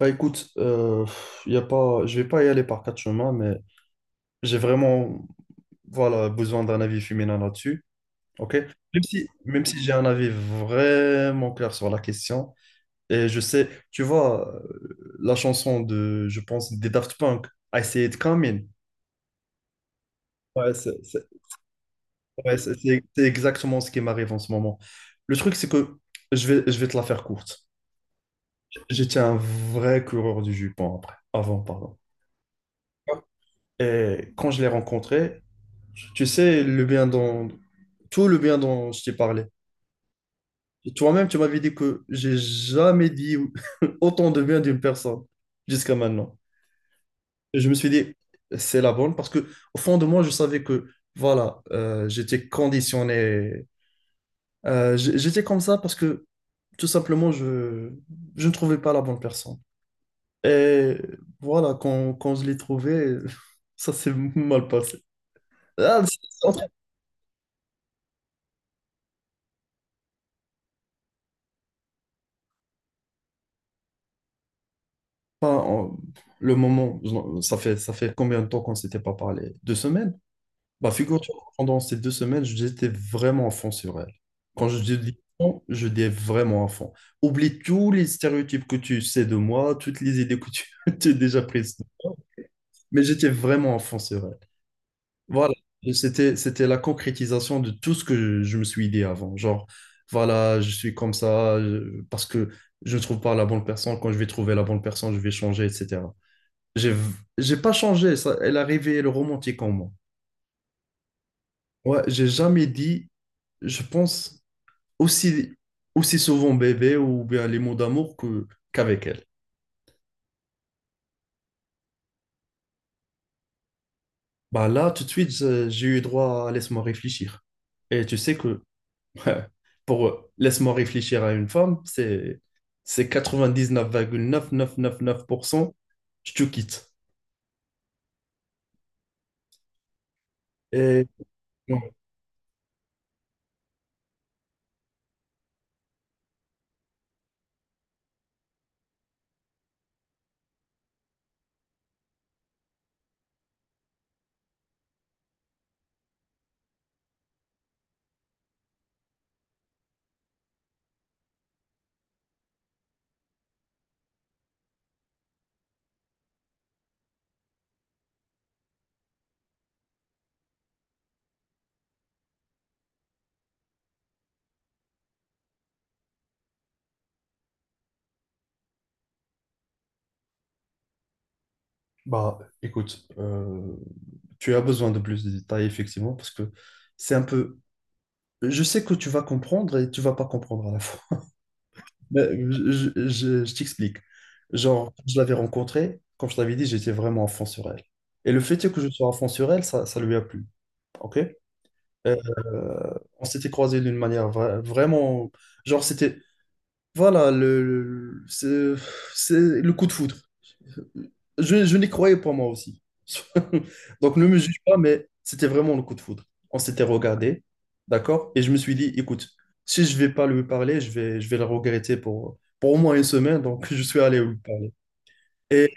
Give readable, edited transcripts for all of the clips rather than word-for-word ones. Bah écoute, y a pas, je vais pas y aller par quatre chemins, mais j'ai vraiment, voilà, besoin d'un avis féminin là-dessus. Ok. Même si j'ai un avis vraiment clair sur la question, et je sais, tu vois, la chanson de, je pense, des Daft Punk, I See It Coming, ouais, ouais, c'est exactement ce qui m'arrive en ce moment. Le truc, c'est que je vais te la faire courte. J'étais un vrai coureur du jupon après, avant, pardon. Et quand je l'ai rencontré, tu sais, le bien dans tout le bien dont je t'ai parlé. Toi-même, tu m'avais dit que j'ai jamais dit autant de bien d'une personne jusqu'à maintenant. Et je me suis dit, c'est la bonne, parce que au fond de moi, je savais que voilà, j'étais conditionné. J'étais comme ça parce que tout simplement, je ne trouvais pas la bonne personne. Et voilà, quand je l'ai trouvée, ça s'est mal passé. Ah. Enfin, le moment, ça fait combien de temps qu'on ne s'était pas parlé? 2 semaines? Bah, figure-toi que pendant ces 2 semaines, j'étais vraiment à fond sur elle. Quand je dis à fond, je dis vraiment à fond. Oublie tous les stéréotypes que tu sais de moi, toutes les idées que tu tu as déjà prises de moi, mais j'étais vraiment à fond sur elle. Voilà. Et c'était la concrétisation de tout ce que je me suis dit avant. Genre, voilà, je suis comme ça, parce que je ne trouve pas la bonne personne. Quand je vais trouver la bonne personne, je vais changer, etc. J'ai, v- j'ai pas changé, ça, elle a réveillé le romantique en moi. Ouais, j'ai jamais dit, je pense, aussi, aussi souvent bébé ou bien les mots d'amour qu'avec elle. Bah là, tout de suite, j'ai eu droit à laisse-moi réfléchir. Et tu sais que pour laisse-moi réfléchir à une femme, c'est 99,9999% je te quitte. Et non, bah écoute, tu as besoin de plus de détails, effectivement, parce que c'est un peu. Je sais que tu vas comprendre et tu vas pas comprendre à la fois. Mais je t'explique. Genre, je l'avais rencontrée, comme je t'avais dit, j'étais vraiment à fond sur elle. Et le fait est que je sois à fond sur elle, ça lui a plu. OK? Euh, on s'était croisés d'une manière vraiment. Genre, c'était. Voilà, c'est le coup de foudre. Je n'y croyais pas moi aussi. Donc ne me juge pas, mais c'était vraiment le coup de foudre. On s'était regardé, d'accord? Et je me suis dit, écoute, si je vais pas lui parler, je vais le regretter pour, au moins une semaine. Donc je suis allé lui parler. Et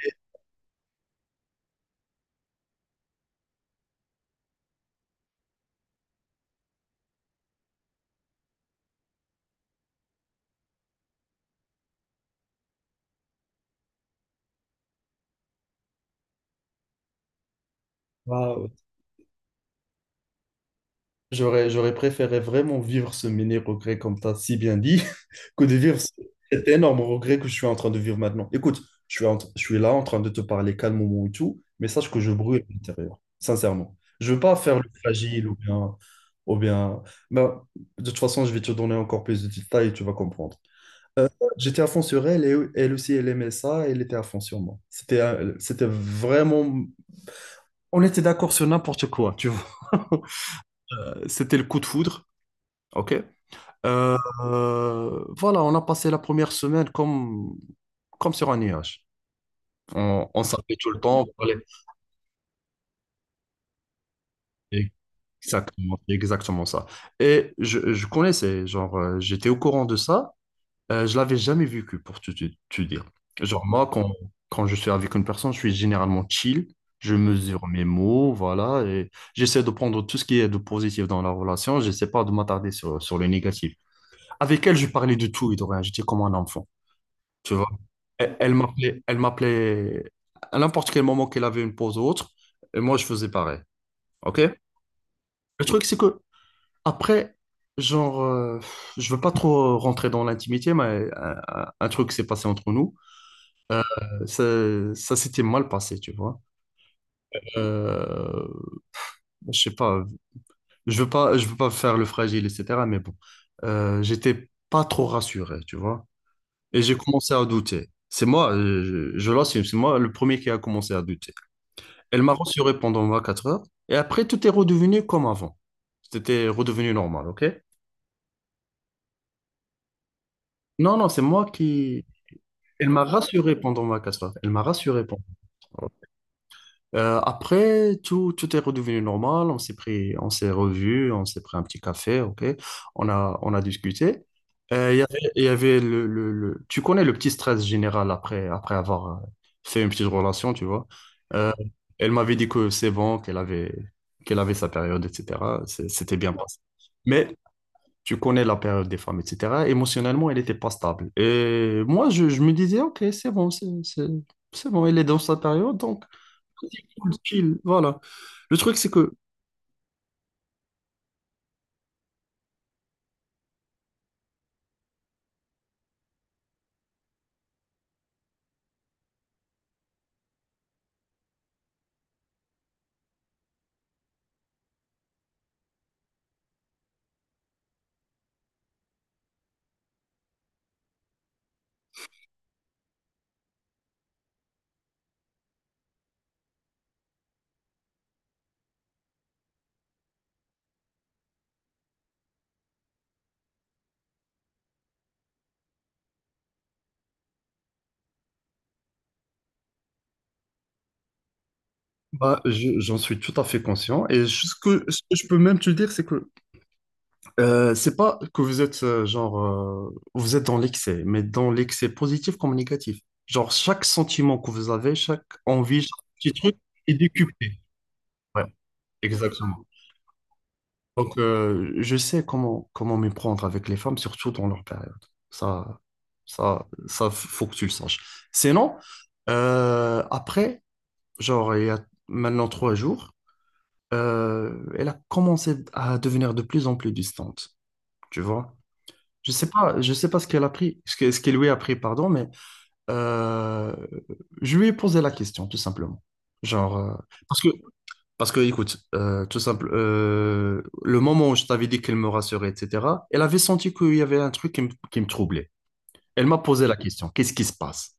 bah, j'aurais préféré vraiment vivre ce mini regret, comme tu as si bien dit. Que de vivre cet énorme regret que je suis en train de vivre maintenant. Écoute, je suis là en train de te parler calmement et tout, mais sache que je brûle à l'intérieur, sincèrement. Je veux pas faire le fragile ou bien, ou bien. Ben, de toute façon, je vais te donner encore plus de détails et tu vas comprendre. J'étais à fond sur elle et elle aussi, elle aimait ça, et elle était à fond sur moi. C'était vraiment. On était d'accord sur n'importe quoi, tu vois. C'était le coup de foudre, ok? Euh, voilà, on a passé la première semaine comme, sur un nuage. On s'appelait tout le temps. Exactement, c'est exactement ça. Et je connaissais, genre, j'étais au courant de ça. Je l'avais jamais vécu, pour te dire. Genre, moi, quand, je suis avec une personne, je suis généralement chill. Je mesure mes mots, voilà. Et j'essaie de prendre tout ce qui est de positif dans la relation. J'essaie pas de m'attarder sur le négatif. Avec elle, je parlais de tout et de rien. J'étais comme un enfant. Tu vois, elle m'appelait à n'importe quel moment qu'elle avait une pause ou autre, et moi je faisais pareil. OK? Le truc, c'est que après, genre, je veux pas trop rentrer dans l'intimité, mais un truc s'est passé entre nous. Ça, ça s'était mal passé, tu vois. Euh, je sais pas, je veux pas, je veux pas faire le fragile, etc. Mais bon, j'étais pas trop rassuré, tu vois. Et j'ai commencé à douter. C'est moi, je l'assume, c'est moi le premier qui a commencé à douter. Elle m'a rassuré pendant 24 heures. Et après, tout est redevenu comme avant. C'était redevenu normal, ok? Non, non, c'est moi qui... Elle m'a rassuré pendant 24 heures. Elle m'a rassuré pendant... Après, tout est redevenu normal. On s'est pris, on s'est revus, on s'est pris un petit café, ok. On a discuté. Il y avait tu connais le petit stress général après, avoir fait une petite relation, tu vois. Euh, Elle m'avait dit que c'est bon, qu'elle avait sa période, etc. C'était bien passé. Mais tu connais la période des femmes, etc. Émotionnellement, elle n'était pas stable. Et moi, je me disais, ok, c'est bon, c'est bon, elle est dans sa période, donc cool, chill, voilà. Le truc, c'est que bah, j'en suis tout à fait conscient. Et ce que je peux même te dire, c'est que c'est pas que vous êtes genre vous êtes dans l'excès, mais dans l'excès positif comme négatif. Genre chaque sentiment que vous avez, chaque envie, chaque petit truc est décuplé. Ouais, exactement. Donc je sais comment m'y prendre avec les femmes, surtout dans leur période. Ça, ça, faut que tu le saches. Sinon, après. Genre, il y a maintenant 3 jours, elle a commencé à devenir de plus en plus distante, tu vois. Je sais pas ce qu'elle a pris, ce qu'elle lui a pris, pardon, mais euh, je lui ai posé la question, tout simplement. Genre, parce que, écoute, tout simple, le moment où je t'avais dit qu'elle me rassurait, etc., elle avait senti qu'il y avait un truc qui me troublait. Elle m'a posé la question, qu'est-ce qui se passe?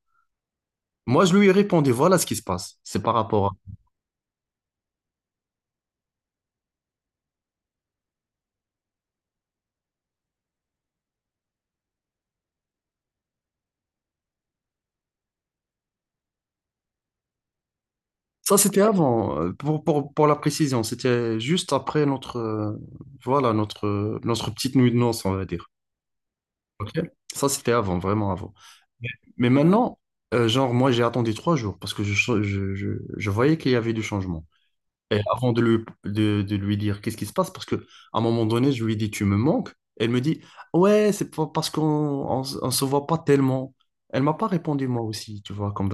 Moi, je lui ai répondu, voilà ce qui se passe. C'est par rapport. Ça, c'était avant, pour, pour la précision. C'était juste après notre, voilà, notre, notre petite nuit de noces, on va dire. Ok. Ça, c'était avant, vraiment avant. Mais maintenant, genre, moi, j'ai attendu 3 jours parce que je, je, je voyais qu'il y avait du changement. Et avant de lui dire qu'est-ce qui se passe, parce que à un moment donné, je lui dis, tu me manques. Elle me dit, ouais, c'est pas parce on se voit pas tellement. Elle m'a pas répondu, moi aussi, tu vois, comme...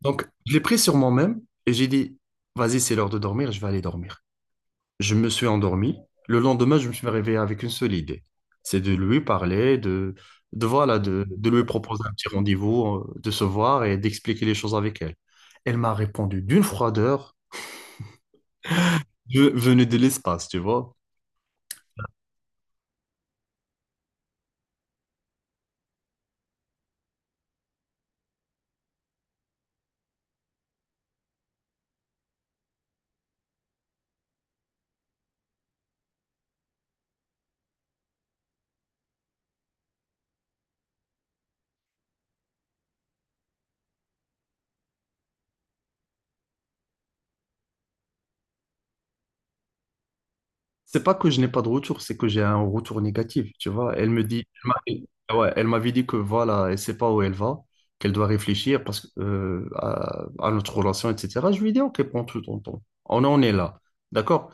Donc, je l'ai pris sur moi-même et j'ai dit, vas-y, c'est l'heure de dormir, je vais aller dormir. Je me suis endormi. Le lendemain, je me suis réveillé avec une seule idée. C'est de lui parler, voilà, de, lui proposer un petit rendez-vous, de se voir et d'expliquer les choses avec elle. Elle m'a répondu d'une froideur venue de l'espace, tu vois. C'est pas que je n'ai pas de retour, c'est que j'ai un retour négatif, tu vois. Elle me dit, elle ouais, elle m'avait dit que voilà, elle sait pas où elle va, qu'elle doit réfléchir parce que, à notre relation, etc. Je lui ai dit, ok, prends tout ton temps. On en est là, d'accord?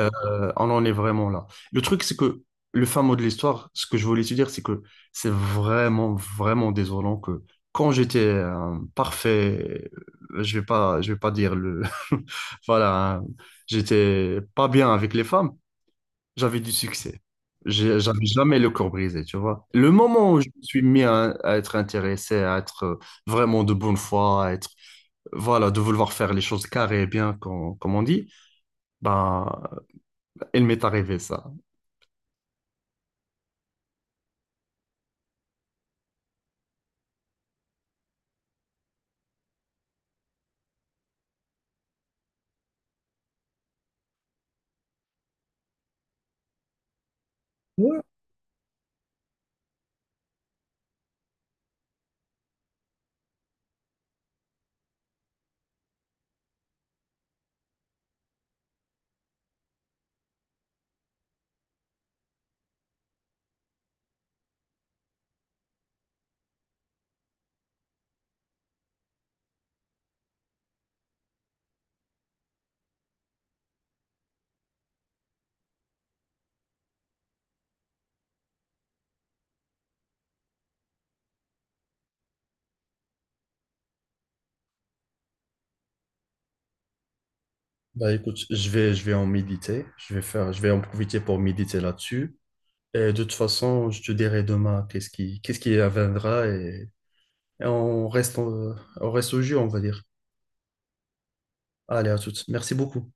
Euh, on en est vraiment là. Le truc, c'est que le fin mot de l'histoire, ce que je voulais te dire, c'est que c'est vraiment, vraiment désolant que quand j'étais un parfait, je vais pas dire le, voilà, hein, j'étais pas bien avec les femmes. J'avais du succès. J'avais jamais le corps brisé, tu vois. Le moment où je me suis mis à, être intéressé, à être vraiment de bonne foi, à être, voilà, de vouloir faire les choses carrées et bien, comme, on dit, ben, il m'est arrivé ça. Ouais. Bah écoute, je vais en méditer, je vais en profiter pour méditer là-dessus. Et de toute façon, je te dirai demain qu'est-ce qui adviendra et on on reste au jeu, on va dire. Allez, à toutes. Merci beaucoup.